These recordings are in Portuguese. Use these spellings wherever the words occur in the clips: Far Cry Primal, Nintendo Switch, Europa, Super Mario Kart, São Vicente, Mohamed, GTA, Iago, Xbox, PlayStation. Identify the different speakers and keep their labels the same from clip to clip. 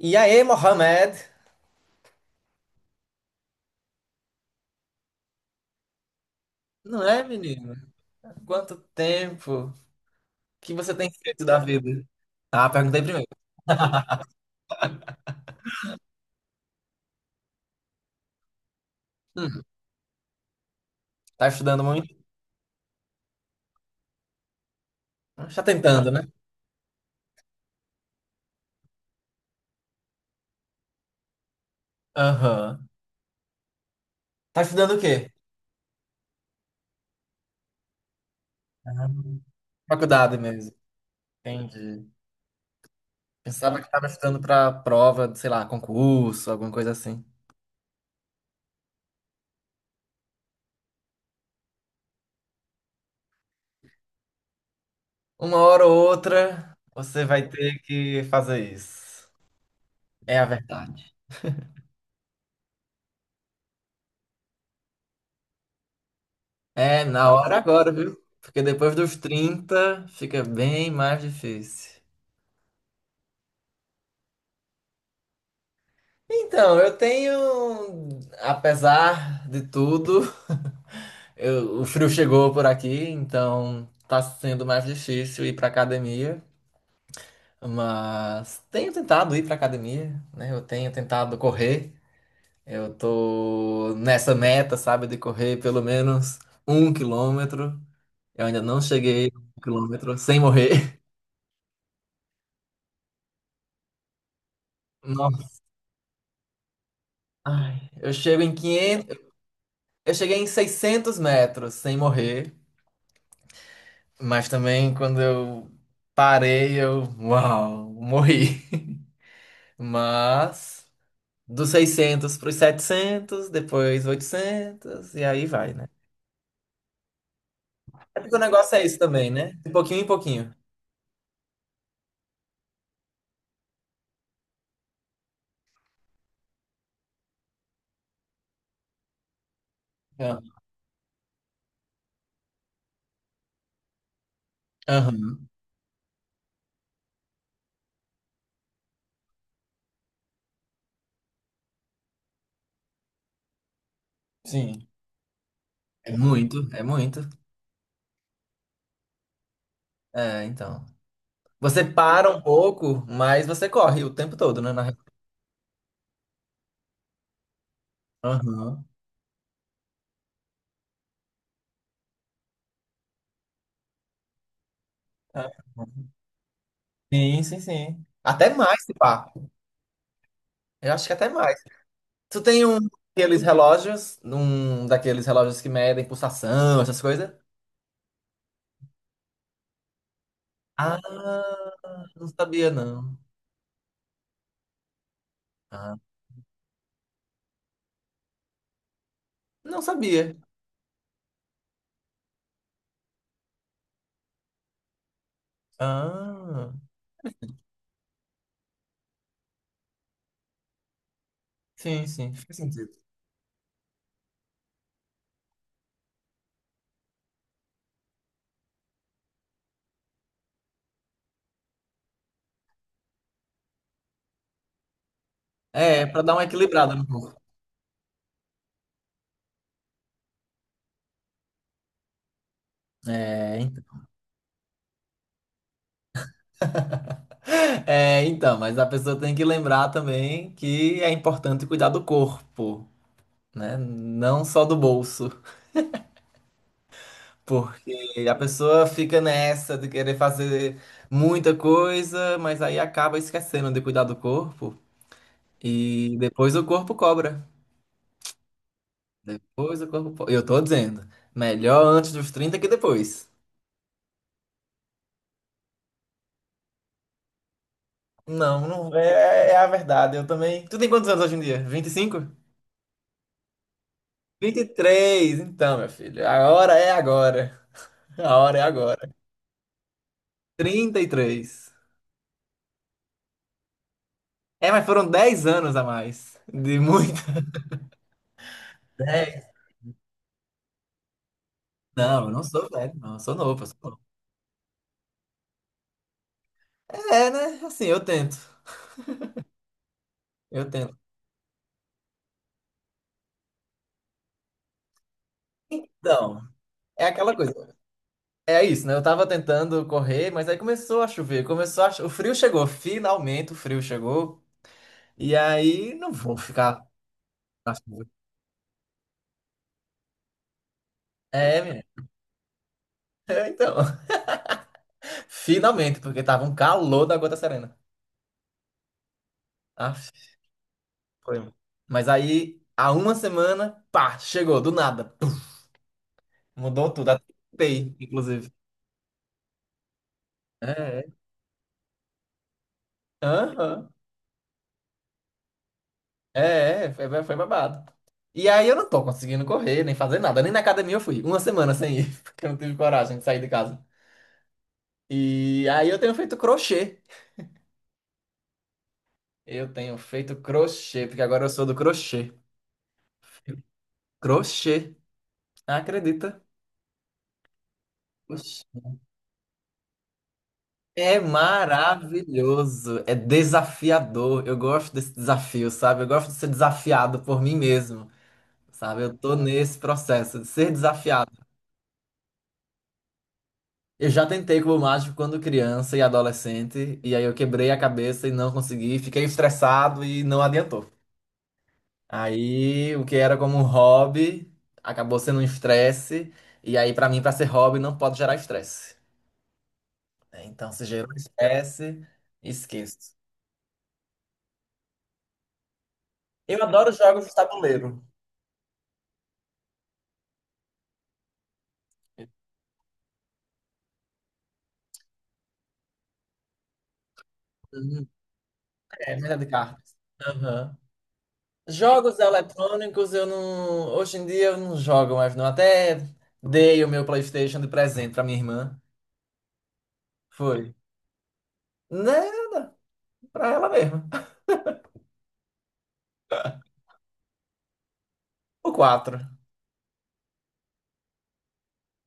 Speaker 1: E aí, Mohamed? Não é, menino? Quanto tempo? O que você tem feito da vida? Ah, perguntei primeiro. Hum, tá estudando muito? Tá tentando, né? Aham. Tá estudando o quê? Ah, faculdade mesmo. Entendi. Pensava que tava estudando pra prova, sei lá, concurso, alguma coisa assim. Uma hora ou outra, você vai ter que fazer isso. É a verdade. É, na hora agora, viu? Porque depois dos 30 fica bem mais difícil. Então, eu tenho, apesar de tudo, o frio chegou por aqui, então tá sendo mais difícil ir pra academia, mas tenho tentado ir pra academia, né? Eu tenho tentado correr. Eu tô nessa meta, sabe, de correr pelo menos 1 km. Eu ainda não cheguei a 1 km sem morrer. Nossa, ai, eu chego em 500. Eu cheguei em 600 metros sem morrer. Mas também quando eu parei, uau, morri. Mas dos 600 para os 700, depois 800, e aí vai, né? É porque o negócio é isso também, né? De pouquinho em pouquinho. Ah, aham, sim. É muito, é muito. É, então. Você para um pouco, mas você corre o tempo todo, né? Aham. É. Sim, sim, sim. Até mais, se pá. Eu acho que até mais. Tu tem um daqueles relógios que medem pulsação, essas coisas? Ah, não sabia não. Ah, não sabia. Ah, sim, sim, faz sentido. É, pra dar uma equilibrada no corpo. É, ent- é, então, mas a pessoa tem que lembrar também que é importante cuidar do corpo, né? Não só do bolso, porque a pessoa fica nessa de querer fazer muita coisa, mas aí acaba esquecendo de cuidar do corpo. E depois o corpo cobra. Depois o corpo. Eu tô dizendo, melhor antes dos 30 que depois. Não, não é, é a verdade. Eu também. Tu tem quantos anos hoje em dia? 20? 25? 23? Então, meu filho, a hora é agora. A hora é agora. 33. É, mas foram 10 anos a mais. De muito. 10. Não, eu não sou velho, não. Eu sou novo, eu sou novo. É, né? Assim, eu tento. Eu tento. Então, é aquela coisa. É isso, né? Eu tava tentando correr, mas aí começou a chover, o frio chegou, finalmente o frio chegou. E aí não vou ficar na chuva. É, minha. É, então, finalmente, porque tava um calor da gota serena. Ah, foi. Mas aí, há uma semana, pá, chegou, do nada. Pum, mudou tudo, até tentei, inclusive. É, é. Aham. É, é, foi babado. E aí eu não tô conseguindo correr, nem fazer nada, nem na academia eu fui. Uma semana sem ir, porque eu não tive coragem de sair de casa. E aí eu tenho feito crochê. Eu tenho feito crochê, porque agora eu sou do crochê. Crochê, acredita? Oxi. É maravilhoso, é desafiador. Eu gosto desse desafio, sabe? Eu gosto de ser desafiado por mim mesmo, sabe? Eu tô nesse processo de ser desafiado. Eu já tentei cubo mágico quando criança e adolescente, e aí eu quebrei a cabeça e não consegui, fiquei estressado e não adiantou. Aí o que era como um hobby acabou sendo um estresse. E aí, pra mim, pra ser hobby, não pode gerar estresse. Né? Então, se gerou estresse, esqueço. Eu adoro jogos de tabuleiro. Uhum. É, mesa de cartas. Aham. Jogos eletrônicos eu não. Hoje em dia eu não jogo mais, não. Até dei o meu PlayStation de presente pra minha irmã. Foi. Né? Pra ela mesma. O 4.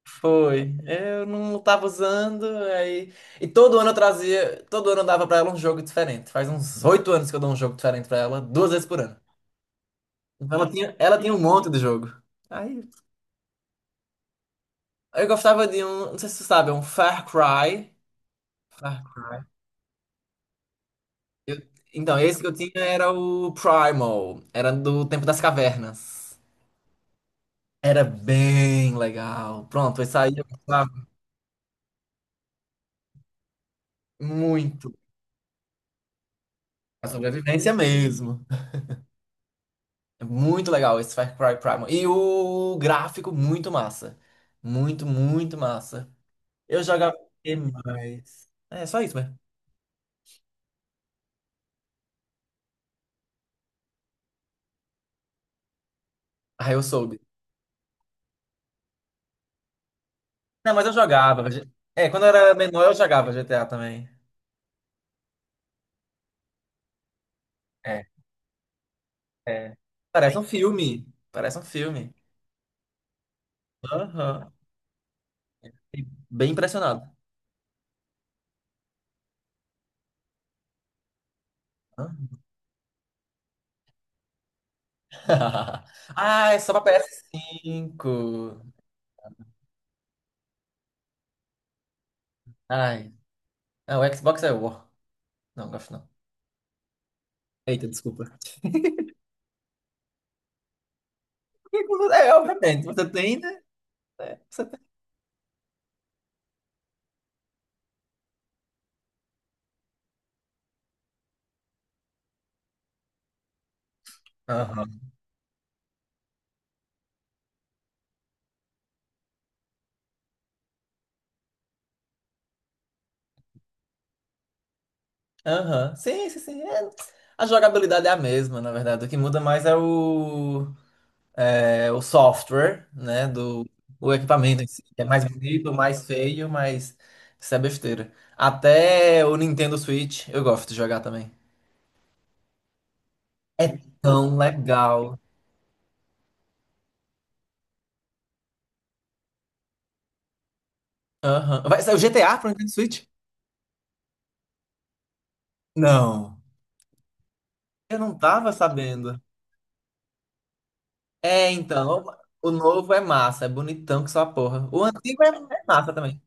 Speaker 1: Foi. Eu não tava usando, aí. E todo ano eu trazia. Todo ano eu dava pra ela um jogo diferente. Faz uns 8 anos que eu dou um jogo diferente pra ela, duas vezes por ano. Então ela tinha um monte de jogo. Aí. Eu gostava de um. Não sei se você sabe, é um Far Cry. Far- eu- Então, esse que eu tinha era o Primal. Era do Tempo das Cavernas. Era bem legal. Pronto, esse aí saía, eu gostava muito. A sobrevivência mesmo. É muito legal esse Far Cry Primal. E o gráfico, muito massa. Muito, muito massa. Eu jogava demais. É, só isso mesmo. Ah, eu soube. Não, mas eu jogava. É, quando eu era menor, eu jogava GTA também. É, é. Parece um filme. Parece um filme. Aham. Fiquei bem impressionado. Hã? Ah, é só pra PS5. Ai. Ah, o Xbox é o. Não, gosto não. Eita, desculpa. É, obviamente. Você tem, né? É, você tem. Aham. Aham. Sim, sim, sim. É, a jogabilidade é a mesma, na verdade. O que muda mais é o, software, né? Do o equipamento em si. É mais bonito, mais feio, mas isso é besteira. Até o Nintendo Switch, eu gosto de jogar também. É tão legal. Aham. Vai sair o GTA pro Nintendo Switch? Não. Eu não tava sabendo. É, então. O novo é massa, é bonitão que só a porra. O antigo é massa também.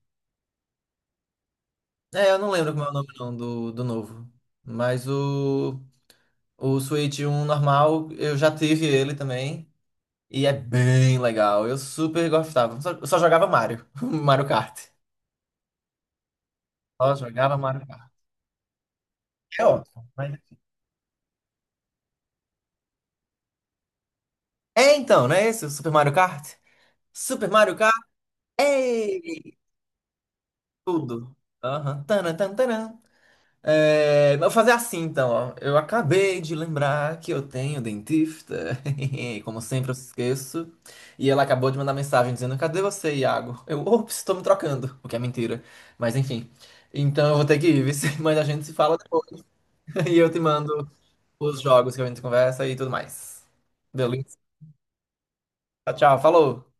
Speaker 1: É, eu não lembro como é o nome não do novo. Mas o Switch um normal, eu já tive ele também. E é bem legal. Eu super gostava. Só, eu só jogava Mario. Mario Kart. Só jogava Mario Kart. É ótimo. É então, não é esse o Super Mario Kart? Super Mario Kart? É tudo. Aham. Tanã, tanã tanã. É, vou fazer assim então, ó. Eu acabei de lembrar que eu tenho dentista. Como sempre, eu esqueço. E ela acabou de mandar mensagem dizendo: Cadê você, Iago? Eu, ops, estou me trocando. O que é mentira. Mas enfim. Então eu vou ter que ir, viu? Mas a gente se fala depois. E eu te mando os jogos que a gente conversa e tudo mais. Beleza? Tchau, tchau. Falou!